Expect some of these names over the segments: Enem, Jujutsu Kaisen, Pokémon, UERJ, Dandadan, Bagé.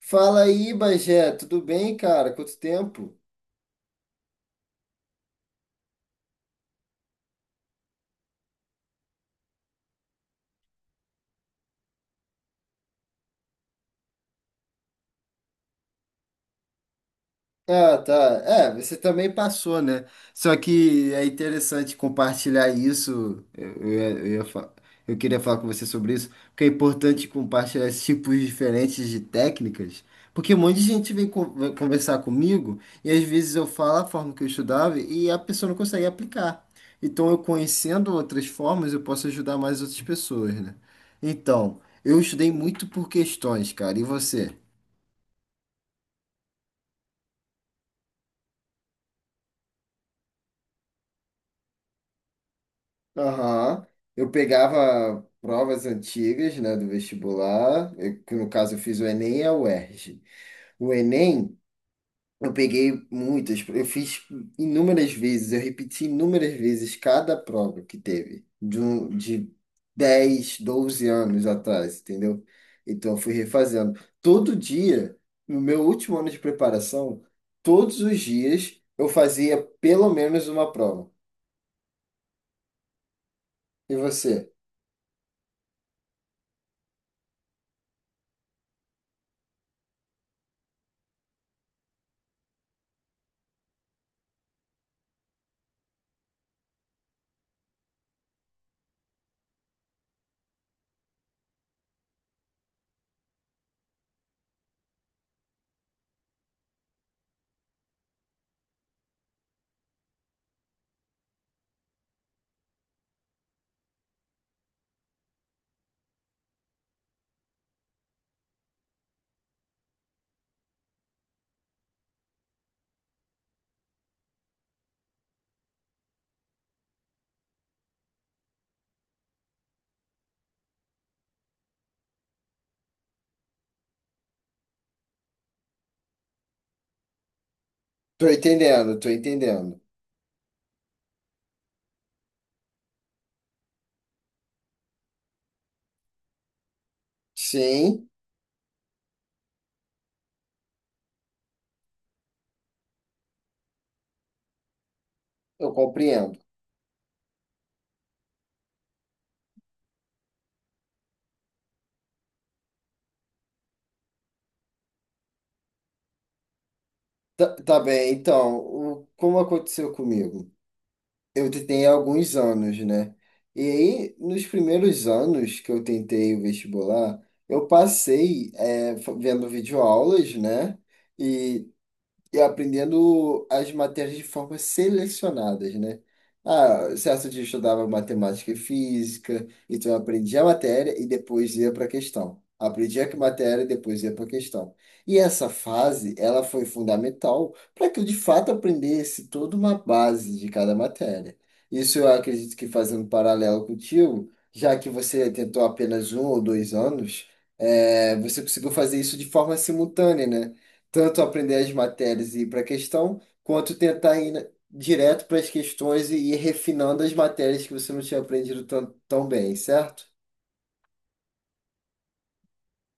Fala aí, Bagé, tudo bem, cara? Quanto tempo? Ah, tá. É, você também passou, né? Só que é interessante compartilhar isso. Eu queria falar com você sobre isso, porque é importante compartilhar esses tipos diferentes de técnicas, porque um monte de gente vem conversar comigo e às vezes eu falo a forma que eu estudava e a pessoa não consegue aplicar. Então, eu conhecendo outras formas, eu posso ajudar mais outras pessoas, né? Então, eu estudei muito por questões, cara. E você? Aham. Eu pegava provas antigas, né, do vestibular, que no caso eu fiz o Enem e a UERJ. O Enem, eu peguei muitas, eu fiz inúmeras vezes, eu repeti inúmeras vezes cada prova que teve, de 10 12 anos atrás, entendeu? Então eu fui refazendo. Todo dia, no meu último ano de preparação, todos os dias eu fazia pelo menos uma prova. E você? Tô entendendo, tô entendendo. Sim, eu compreendo. Tá, tá bem, então, como aconteceu comigo? Eu tentei há alguns anos, né? E aí, nos primeiros anos que eu tentei o vestibular, eu passei vendo videoaulas, né? E aprendendo as matérias de forma selecionadas, né? Ah, certo dia eu estudava matemática e física, então eu aprendia a matéria e depois ia para a questão. Aprendia que matéria e depois ia para a questão. E essa fase, ela foi fundamental para que eu de fato aprendesse toda uma base de cada matéria. Isso eu acredito que fazendo um paralelo contigo, já que você tentou apenas um ou dois anos, você conseguiu fazer isso de forma simultânea, né? Tanto aprender as matérias e ir para a questão, quanto tentar direto para as questões e ir refinando as matérias que você não tinha aprendido tão, tão bem, certo?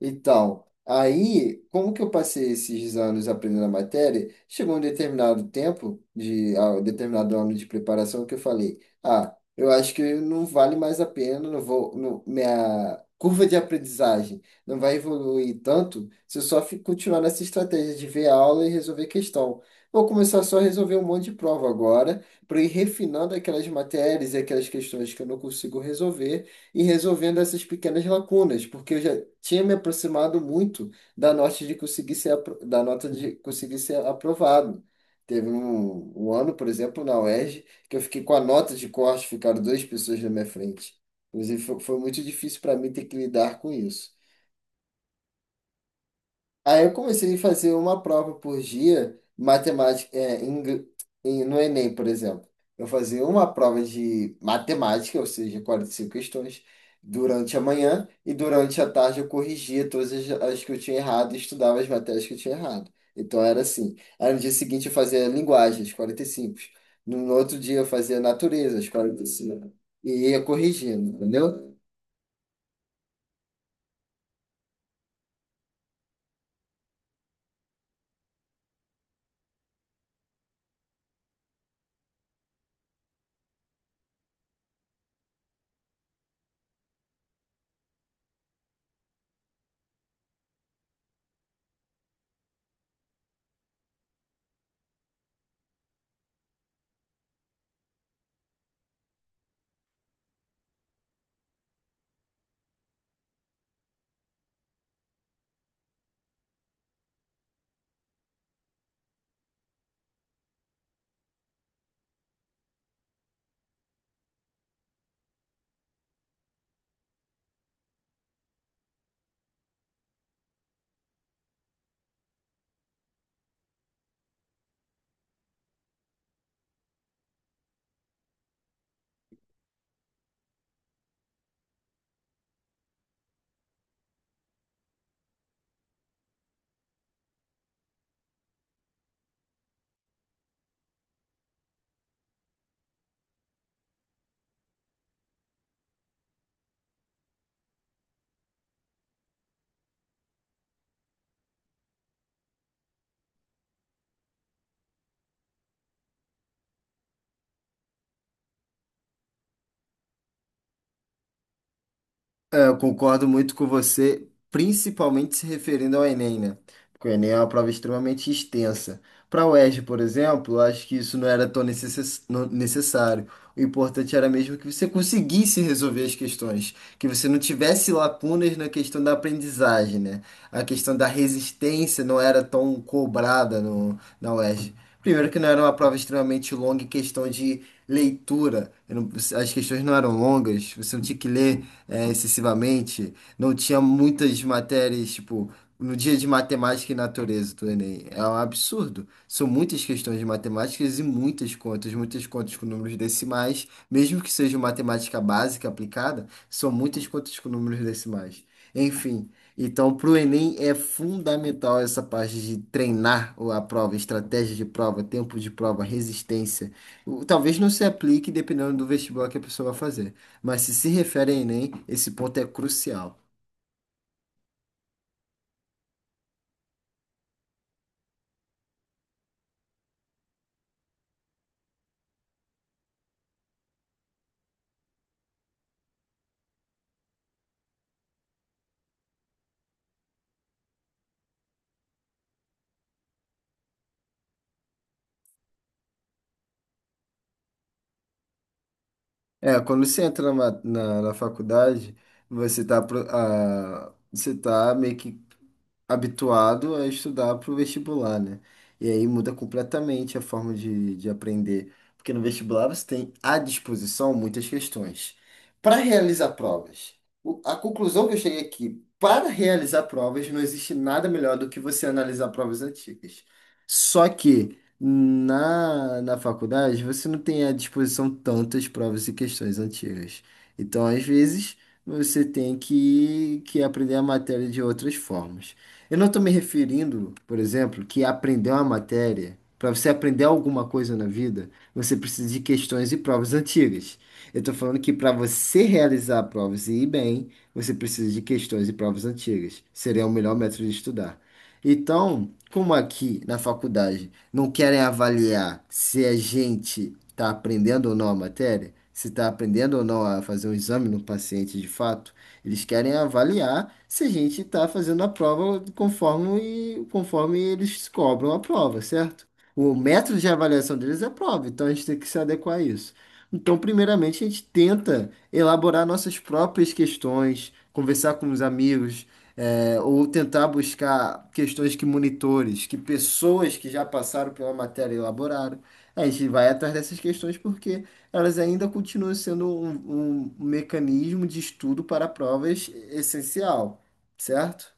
Então, aí, como que eu passei esses anos aprendendo a matéria? Chegou um determinado tempo, um determinado ano de preparação, que eu falei: ah, eu acho que não vale mais a pena, não vou, não- minha curva de aprendizagem não vai evoluir tanto se eu continuar nessa estratégia de ver a aula e resolver questão. Vou começar só a resolver um monte de prova agora, para ir refinando aquelas matérias e aquelas questões que eu não consigo resolver e resolvendo essas pequenas lacunas, porque eu já tinha me aproximado muito da nota de conseguir ser aprovado. Teve um ano, por exemplo, na UERJ, que eu fiquei com a nota de corte, ficaram duas pessoas na minha frente. Inclusive, foi muito difícil para mim ter que lidar com isso. Aí eu comecei a fazer uma prova por dia, matemática, no Enem, por exemplo. Eu fazia uma prova de matemática, ou seja, 45 questões, durante a manhã, e durante a tarde eu corrigia todas as que eu tinha errado e estudava as matérias que eu tinha errado. Então era assim. Aí no dia seguinte eu fazia linguagem, as 45. No outro dia eu fazia natureza, as 45. E ia corrigindo, entendeu? É, eu concordo muito com você, principalmente se referindo ao Enem, né? Porque o Enem é uma prova extremamente extensa. Para a UERJ, por exemplo, eu acho que isso não era tão necessário. O importante era mesmo que você conseguisse resolver as questões, que você não tivesse lacunas na questão da aprendizagem, né? A questão da resistência não era tão cobrada no, na UERJ. Primeiro que não era uma prova extremamente longa em questão de leitura. Eu não- As questões não eram longas, você não tinha que ler excessivamente. Não tinha muitas matérias, tipo, no dia de matemática e natureza do Enem. É um absurdo. São muitas questões de matemáticas e muitas contas com números decimais, mesmo que seja matemática básica aplicada, são muitas contas com números decimais. Enfim. Então, para o Enem é fundamental essa parte de treinar a prova, estratégia de prova, tempo de prova, resistência. Talvez não se aplique dependendo do vestibular que a pessoa vai fazer. Mas se se refere a Enem, esse ponto é crucial. É, quando você entra na faculdade, você tá meio que habituado a estudar para o vestibular, né? E aí muda completamente a forma de aprender, porque no vestibular você tem à disposição muitas questões. Para realizar provas, a conclusão que eu cheguei aqui, para realizar provas, não existe nada melhor do que você analisar provas antigas. Só que na faculdade você não tem à disposição tantas provas e questões antigas. Então, às vezes, você tem que aprender a matéria de outras formas. Eu não estou me referindo, por exemplo, que aprender uma matéria, para você aprender alguma coisa na vida, você precisa de questões e provas antigas. Eu estou falando que para você realizar provas e ir bem, você precisa de questões e provas antigas. Seria o melhor método de estudar. Então, como aqui na faculdade não querem avaliar se a gente está aprendendo ou não a matéria, se está aprendendo ou não a fazer um exame no paciente de fato, eles querem avaliar se a gente está fazendo a prova conforme, conforme eles cobram a prova, certo? O método de avaliação deles é a prova, então a gente tem que se adequar a isso. Então, primeiramente, a gente tenta elaborar nossas próprias questões, conversar com os amigos, ou tentar buscar questões que monitores, que pessoas que já passaram pela matéria elaboraram. A gente vai atrás dessas questões porque elas ainda continuam sendo um mecanismo de estudo para provas essencial, certo?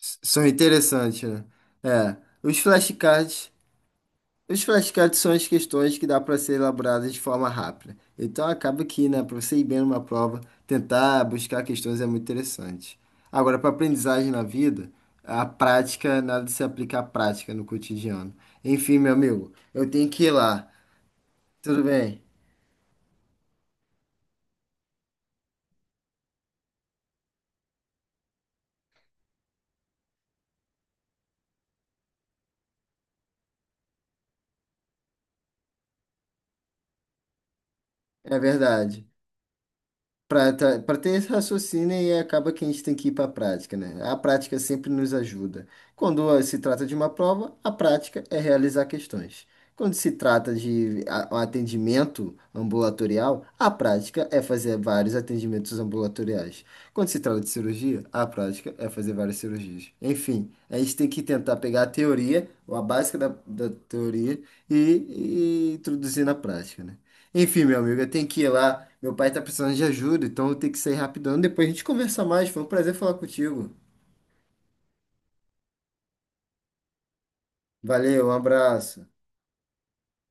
São interessantes, né? É, os flashcards, os flashcards são as questões que dá para ser elaboradas de forma rápida. Então acaba que, né, para você ir bem numa prova, tentar buscar questões é muito interessante. Agora, para aprendizagem na vida, a prática, nada de se aplicar à prática no cotidiano. Enfim, meu amigo, eu tenho que ir lá. Tudo bem? É verdade. Pra ter esse raciocínio e acaba que a gente tem que ir para a prática, né? A prática sempre nos ajuda. Quando se trata de uma prova, a prática é realizar questões. Quando se trata de um atendimento ambulatorial, a prática é fazer vários atendimentos ambulatoriais. Quando se trata de cirurgia, a prática é fazer várias cirurgias. Enfim, a gente tem que tentar pegar a teoria, ou a básica da teoria, e, e introduzir na prática, né? Enfim, meu amigo, eu tenho que ir lá. Meu pai tá precisando de ajuda, então eu tenho que sair rapidão. Depois a gente conversa mais. Foi um prazer falar contigo. Valeu, um abraço.